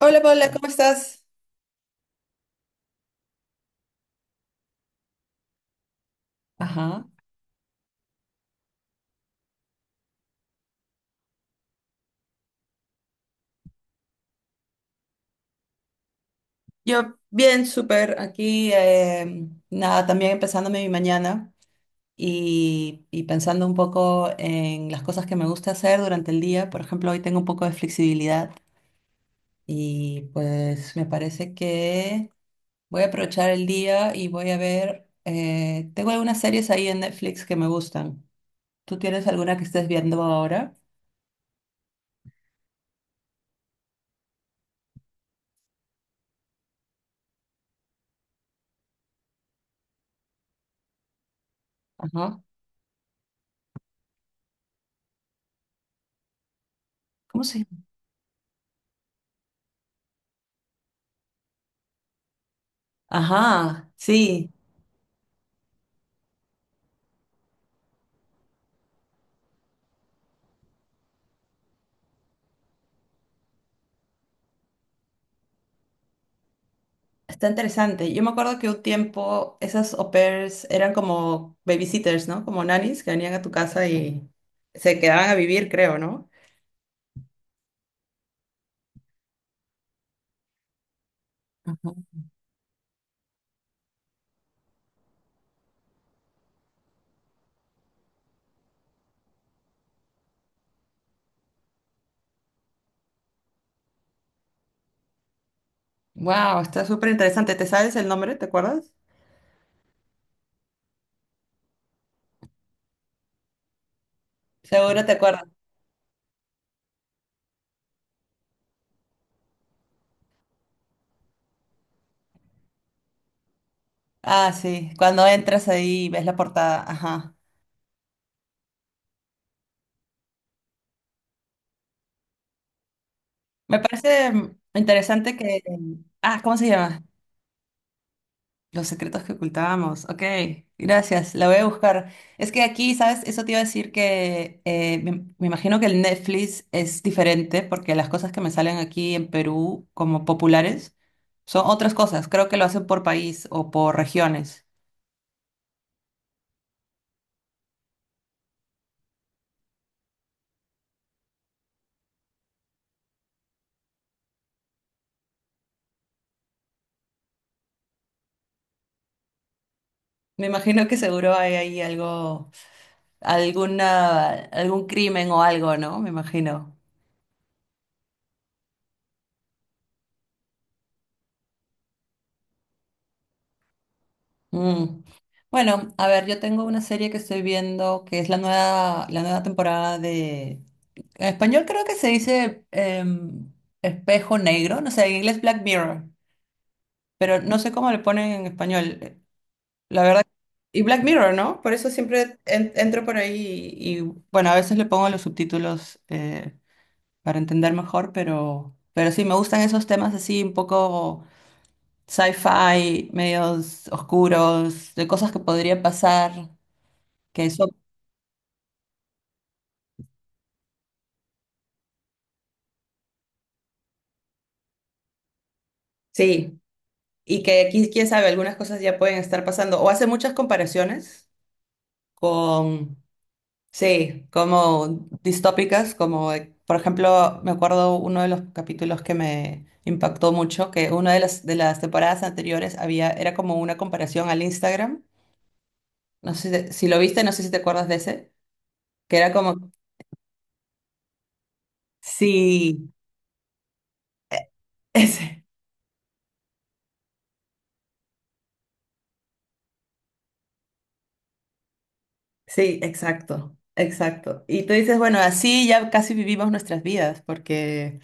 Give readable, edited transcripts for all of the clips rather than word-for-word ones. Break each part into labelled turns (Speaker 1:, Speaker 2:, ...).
Speaker 1: Hola Paula, ¿cómo estás? Ajá. Yo bien, súper. Aquí, nada, también empezándome mi mañana y pensando un poco en las cosas que me gusta hacer durante el día. Por ejemplo, hoy tengo un poco de flexibilidad y pues me parece que voy a aprovechar el día y voy a ver, tengo algunas series ahí en Netflix que me gustan. ¿Tú tienes alguna que estés viendo ahora? Ajá. ¿Cómo se llama? Ajá, sí. Está interesante. Yo me acuerdo que un tiempo esas au pairs eran como babysitters, ¿no? Como nannies que venían a tu casa y se quedaban a vivir, creo, ¿no? Wow, está súper interesante. ¿Te sabes el nombre? ¿Te acuerdas? Seguro te acuerdas. Ah, sí. Cuando entras ahí ves la portada. Ajá. Me parece interesante que. Ah, ¿cómo se llama? Los secretos que ocultábamos. Ok, gracias. La voy a buscar. Es que aquí, ¿sabes? Eso te iba a decir que me imagino que el Netflix es diferente porque las cosas que me salen aquí en Perú como populares son otras cosas. Creo que lo hacen por país o por regiones. Me imagino que seguro hay ahí algo, alguna, algún crimen o algo, ¿no? Me imagino. Mm. Bueno, a ver, yo tengo una serie que estoy viendo que es la nueva, temporada de. En español creo que se dice Espejo Negro, no sé, en inglés Black Mirror, pero no sé cómo le ponen en español, la verdad. Y Black Mirror, ¿no? Por eso siempre entro por ahí y, bueno, a veces le pongo los subtítulos para entender mejor, pero sí, me gustan esos temas así un poco sci-fi, medios oscuros, de cosas que podrían pasar. Que eso, sí, y que aquí, quién sabe, algunas cosas ya pueden estar pasando. O hace muchas comparaciones con, sí, como distópicas, como, por ejemplo, me acuerdo uno de los capítulos que me impactó mucho, que una de las, temporadas anteriores había, era como una comparación al Instagram. No sé si lo viste, no sé si te acuerdas de ese, que era como, sí, ese, sí, exacto, exacto. Y tú dices, bueno, así ya casi vivimos nuestras vidas, porque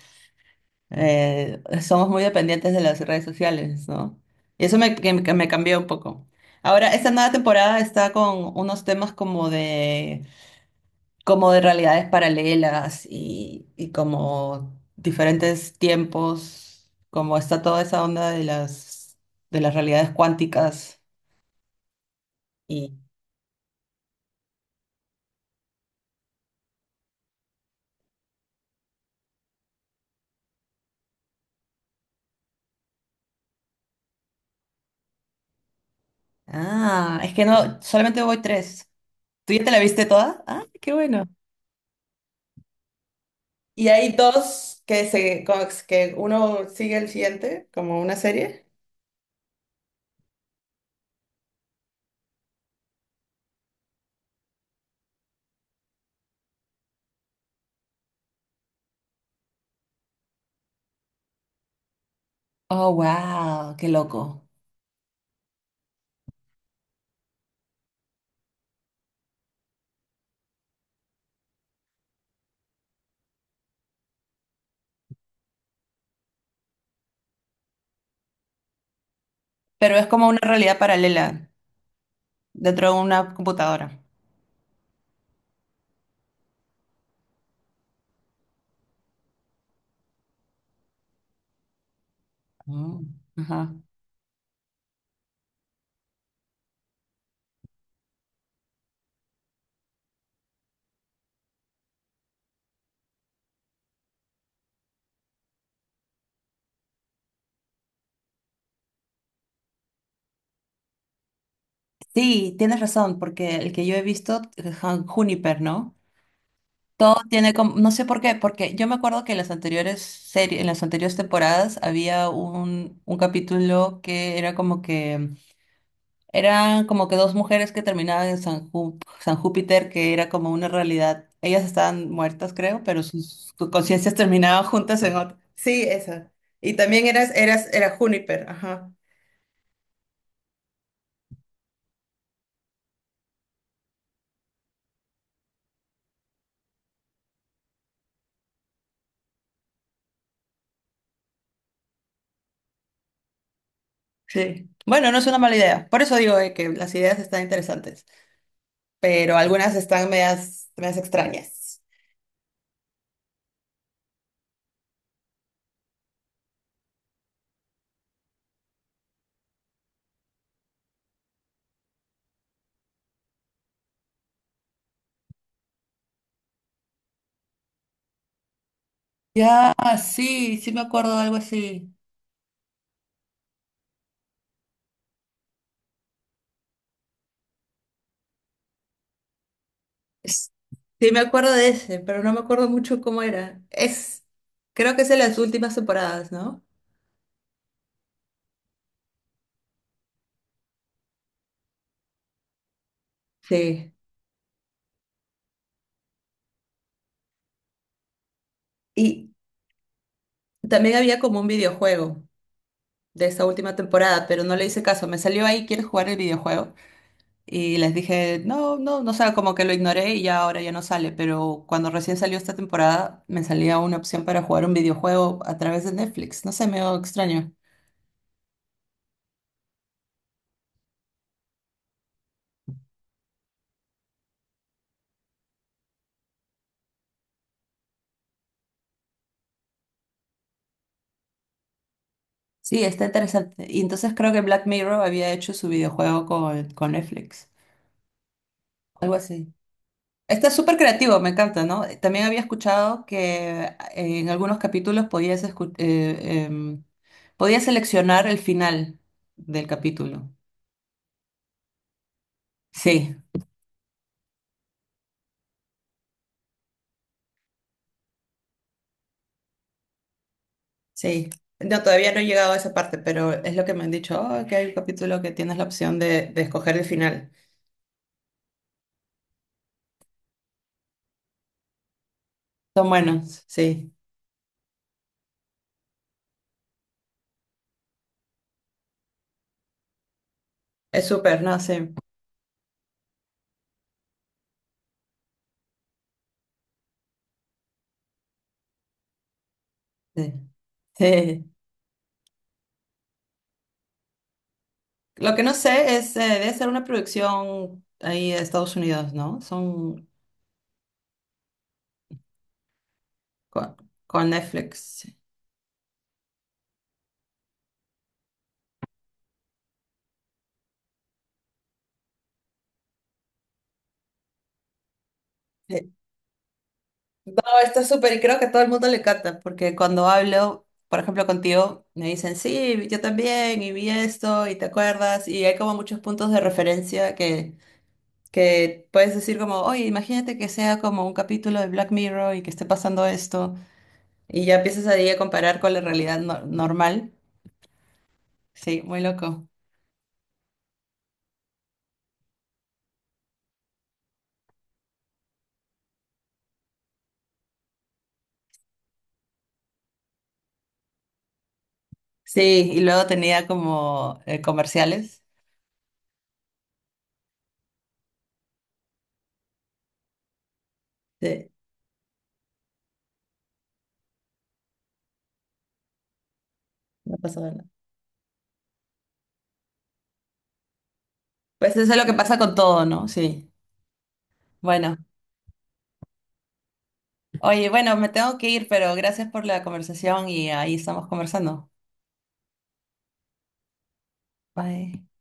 Speaker 1: somos muy dependientes de las redes sociales, ¿no? Y eso me, que me cambió un poco. Ahora, esta nueva temporada está con unos temas como de realidades paralelas y como diferentes tiempos, como está toda esa onda de las realidades cuánticas. Y, ah, es que no, solamente voy tres. ¿Tú ya te la viste toda? Ah, qué bueno. Y hay dos que uno sigue el siguiente, como una serie. Oh, wow, qué loco. Pero es como una realidad paralela dentro de una computadora. Mm, ajá. Sí, tienes razón, porque el que yo he visto, Juniper, ¿no? Todo tiene como, no sé por qué, porque yo me acuerdo que en las anteriores series, en las anteriores temporadas había un capítulo que era como que eran como que dos mujeres que terminaban en San Júpiter, que era como una realidad. Ellas estaban muertas, creo, pero sus conciencias terminaban juntas en otra. Sí, esa. Y también era Juniper, ajá. Sí. Bueno, no es una mala idea. Por eso digo, que las ideas están interesantes, pero algunas están medias, medias extrañas. Ya, sí, sí me acuerdo de algo así. Es- Sí me acuerdo de ese, pero no me acuerdo mucho cómo era. Creo que es de las últimas temporadas, ¿no? Sí. Y también había como un videojuego de esta última temporada, pero no le hice caso. Me salió ahí, ¿quieres jugar el videojuego? Y les dije, no, no, no, o sea, como que lo ignoré y ya ahora ya no sale. Pero cuando recién salió esta temporada, me salía una opción para jugar un videojuego a través de Netflix. No sé, me extraño. Sí, está interesante. Y entonces creo que Black Mirror había hecho su videojuego con Netflix. Algo así. Está súper creativo, me encanta, ¿no? También había escuchado que en algunos capítulos podías seleccionar el final del capítulo. Sí, sí. No, todavía no he llegado a esa parte, pero es lo que me han dicho, "Oh, que hay un capítulo que tienes la opción de escoger el final." Son buenos, sí. Es súper, ¿no? Sí. Sí. Sí. Lo que no sé es, debe ser una producción ahí de Estados Unidos, ¿no? Son con, con Netflix. No, está súper y creo que a todo el mundo le encanta, porque cuando hablo, por ejemplo, contigo, me dicen, sí, yo también, y vi esto, y te acuerdas, y hay como muchos puntos de referencia que puedes decir como, oye, imagínate que sea como un capítulo de Black Mirror y que esté pasando esto, y ya empiezas ahí a comparar con la realidad normal. Sí, muy loco. Sí, y luego tenía como comerciales. Sí, no pasaba nada. Pues eso es lo que pasa con todo, ¿no? Sí. Bueno. Oye, bueno, me tengo que ir, pero gracias por la conversación y ahí estamos conversando. Bye.